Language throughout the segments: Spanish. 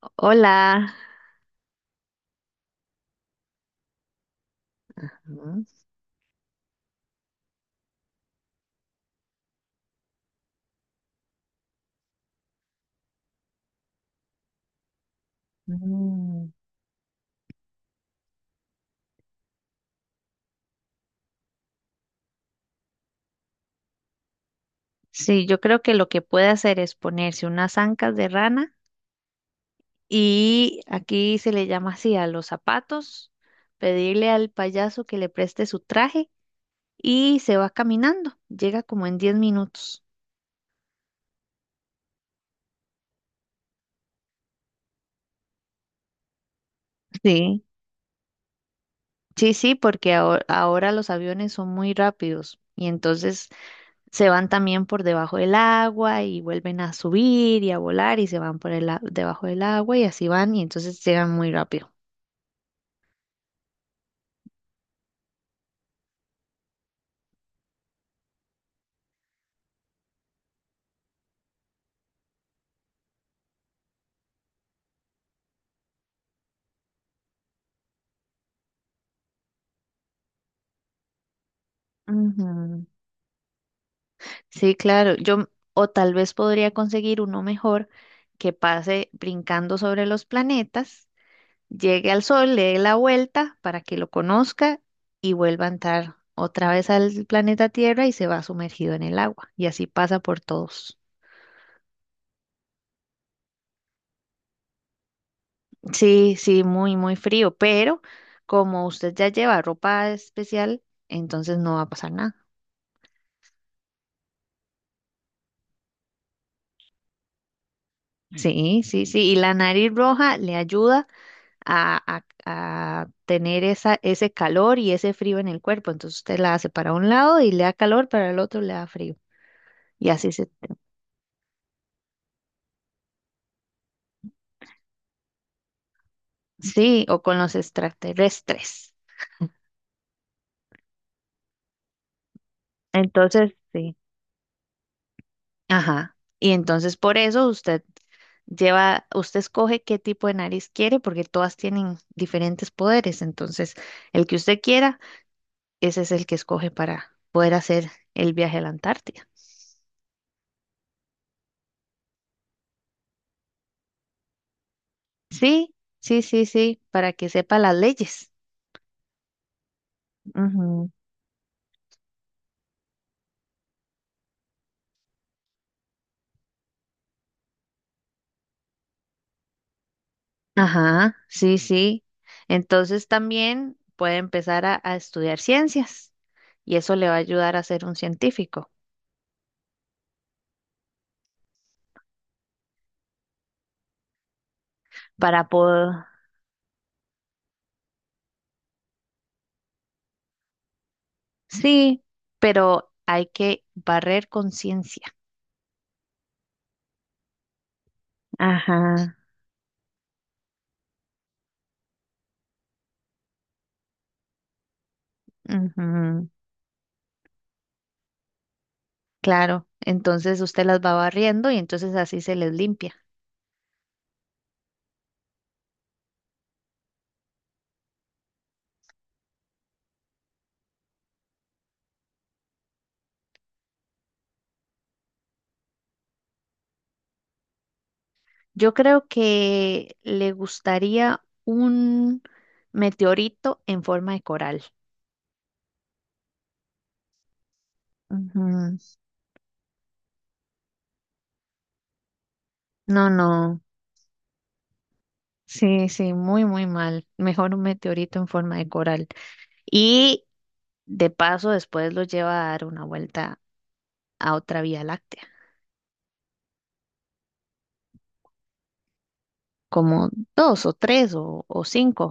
Hola. Mm, mm. Sí, yo creo que lo que puede hacer es ponerse unas ancas de rana y aquí se le llama así a los zapatos, pedirle al payaso que le preste su traje y se va caminando. Llega como en 10 minutos. Sí, sí, sí, porque ahora, los aviones son muy rápidos y entonces se van también por debajo del agua y vuelven a subir y a volar y se van por el, debajo del agua y así van y entonces llegan muy rápido. Ujú. Sí, claro. O tal vez podría conseguir uno mejor que pase brincando sobre los planetas, llegue al Sol, le dé la vuelta para que lo conozca y vuelva a entrar otra vez al planeta Tierra y se va sumergido en el agua. Y así pasa por todos. Sí, sí, muy, muy frío, pero como usted ya lleva ropa especial, entonces no va a pasar nada. Sí, sí, sí. Y la nariz roja le ayuda a, a- a tener esa, ese calor y ese frío en el cuerpo. Entonces usted la hace para un lado y le da calor, para el otro le da frío. Y así se. Sí, o con los extraterrestres. Entonces, sí. Ajá. Y entonces por eso usted escoge qué tipo de nariz quiere porque todas tienen diferentes poderes. Entonces, el que usted quiera, ese es el que escoge para poder hacer el viaje a la Antártida. Sí, sí, sí, sí, para que sepa las leyes. Ujú. Ajá, sí, sí. Entonces también puede empezar a estudiar ciencias y eso le va a ayudar a ser un científico para poder, sí, pero hay que barrer con ciencia. Ajá, ujú, claro. Entonces usted las va barriendo y entonces así se les limpia. Yo creo que le gustaría un meteorito en forma de coral. Ujú. No, no. Sí, sí, muy, muy mal. Mejor un meteorito en forma de coral. Y de paso, después lo lleva a dar una vuelta a otra vía láctea, como dos o tres o cinco.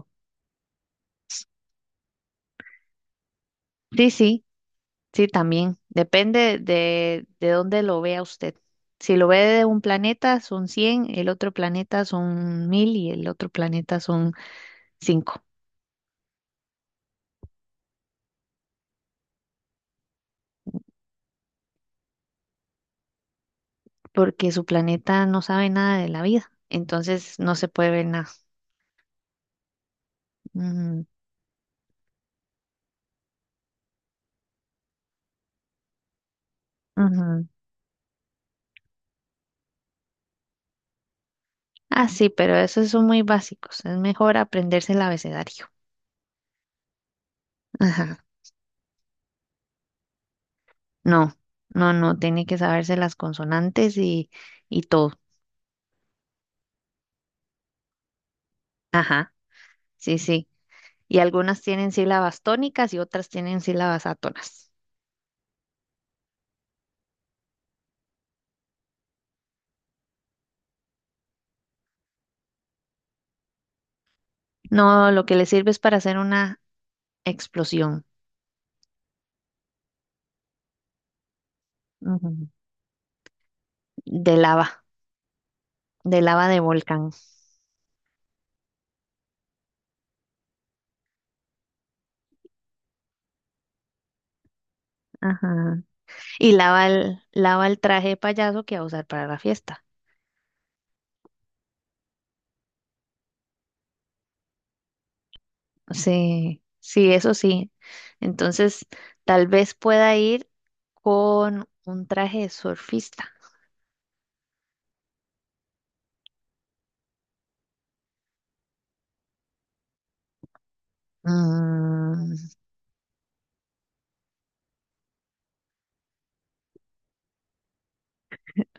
Sí, sí, sí, también. Depende de dónde lo vea usted. Si lo ve de un planeta son 100, el otro planeta son 1000 y el otro planeta son 5, porque su planeta no sabe nada de la vida, entonces no se puede ver nada. Ujú, ujú. Ah, sí, pero esos son muy básicos. Es mejor aprenderse el abecedario. Ajá. No, no, no, tiene que saberse las consonantes y todo. Ajá, sí, sí. Y algunas tienen sílabas tónicas y otras tienen sílabas átonas. No, lo que le sirve es para hacer una explosión. Ujú. De lava, de lava de volcán. Ajá. Y lava el traje de payaso que va a usar para la fiesta. Sí, sí, eso sí. Entonces, tal vez pueda ir con un traje de surfista. Mm,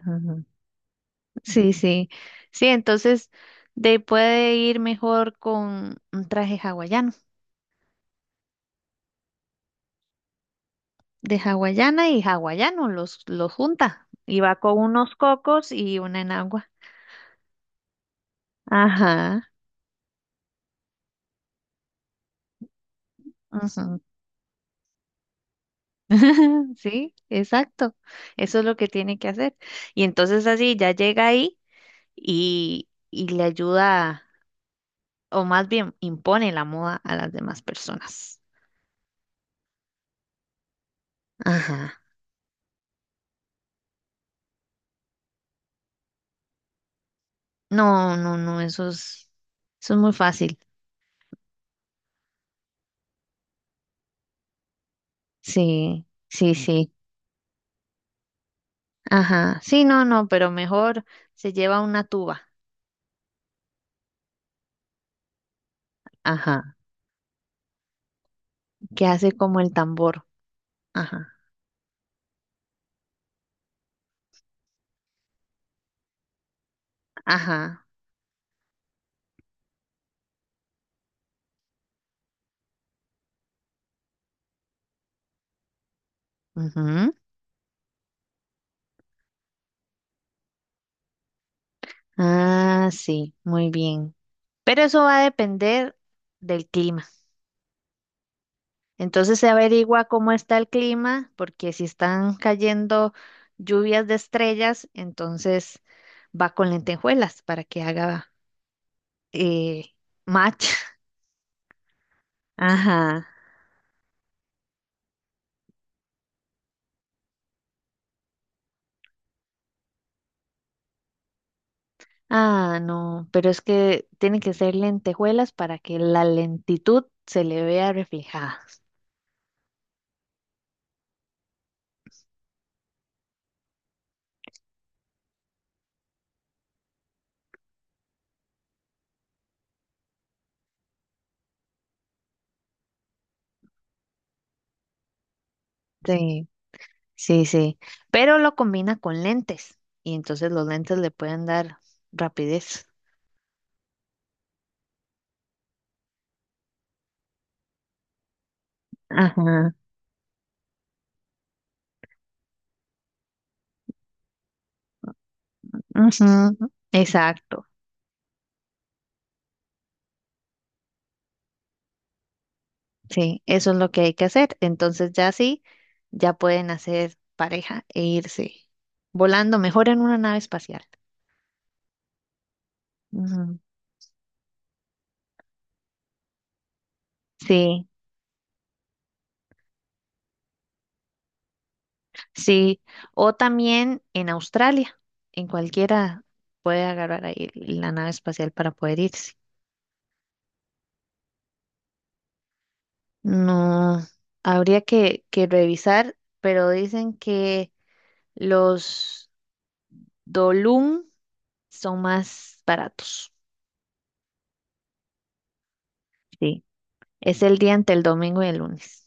ujú. Sí, sí. Sí, entonces puede ir mejor con un traje hawaiano. De hawaiana y hawaiano los junta. Y va con unos cocos y una enagua. Ajá. Ujú. Sí, exacto. Eso es lo que tiene que hacer. Y entonces así ya llega ahí y le ayuda, o más bien impone la moda a las demás personas. Ajá. No, no, no, eso es muy fácil. Sí, sí, sí. Ajá. Sí, no, no, pero mejor se lleva una tuba. Ajá. Que hace como el tambor. Ajá. Ajá. Ujú. Ah, sí, muy bien. Pero eso va a depender del clima. Entonces se averigua cómo está el clima, porque si están cayendo lluvias de estrellas, entonces va con lentejuelas para que haga eh, match. Ajá. Ah, no, pero es que tienen que ser lentejuelas para que la lentitud se le vea reflejada. Sí, sí, sí. Pero lo combina con lentes y entonces los lentes le pueden dar rapidez. Ajá. Ujú. Exacto. Sí, eso es lo que hay que hacer. Entonces ya sí, ya pueden hacer pareja e irse volando mejor en una nave espacial. Ujú. Sí, sí. O también en Australia, en cualquiera puede agarrar ahí la nave espacial para poder irse. No, habría que revisar, pero dicen que los Dolum son más baratos. Sí, es el día entre el domingo y el lunes.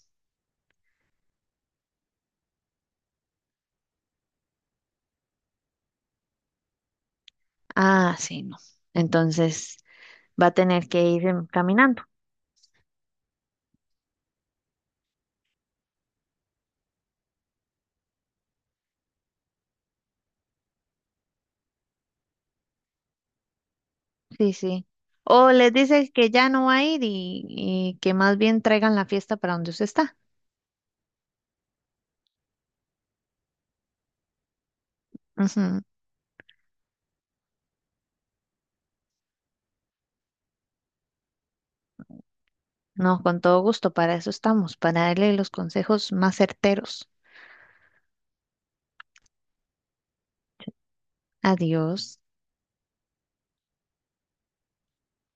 Ah, sí, no. Entonces va a tener que ir caminando. Sí, sí. O les dice que ya no va a ir y que más bien traigan la fiesta para donde usted está. Ujú. No, con todo gusto, para eso estamos, para darle los consejos más certeros. Adiós.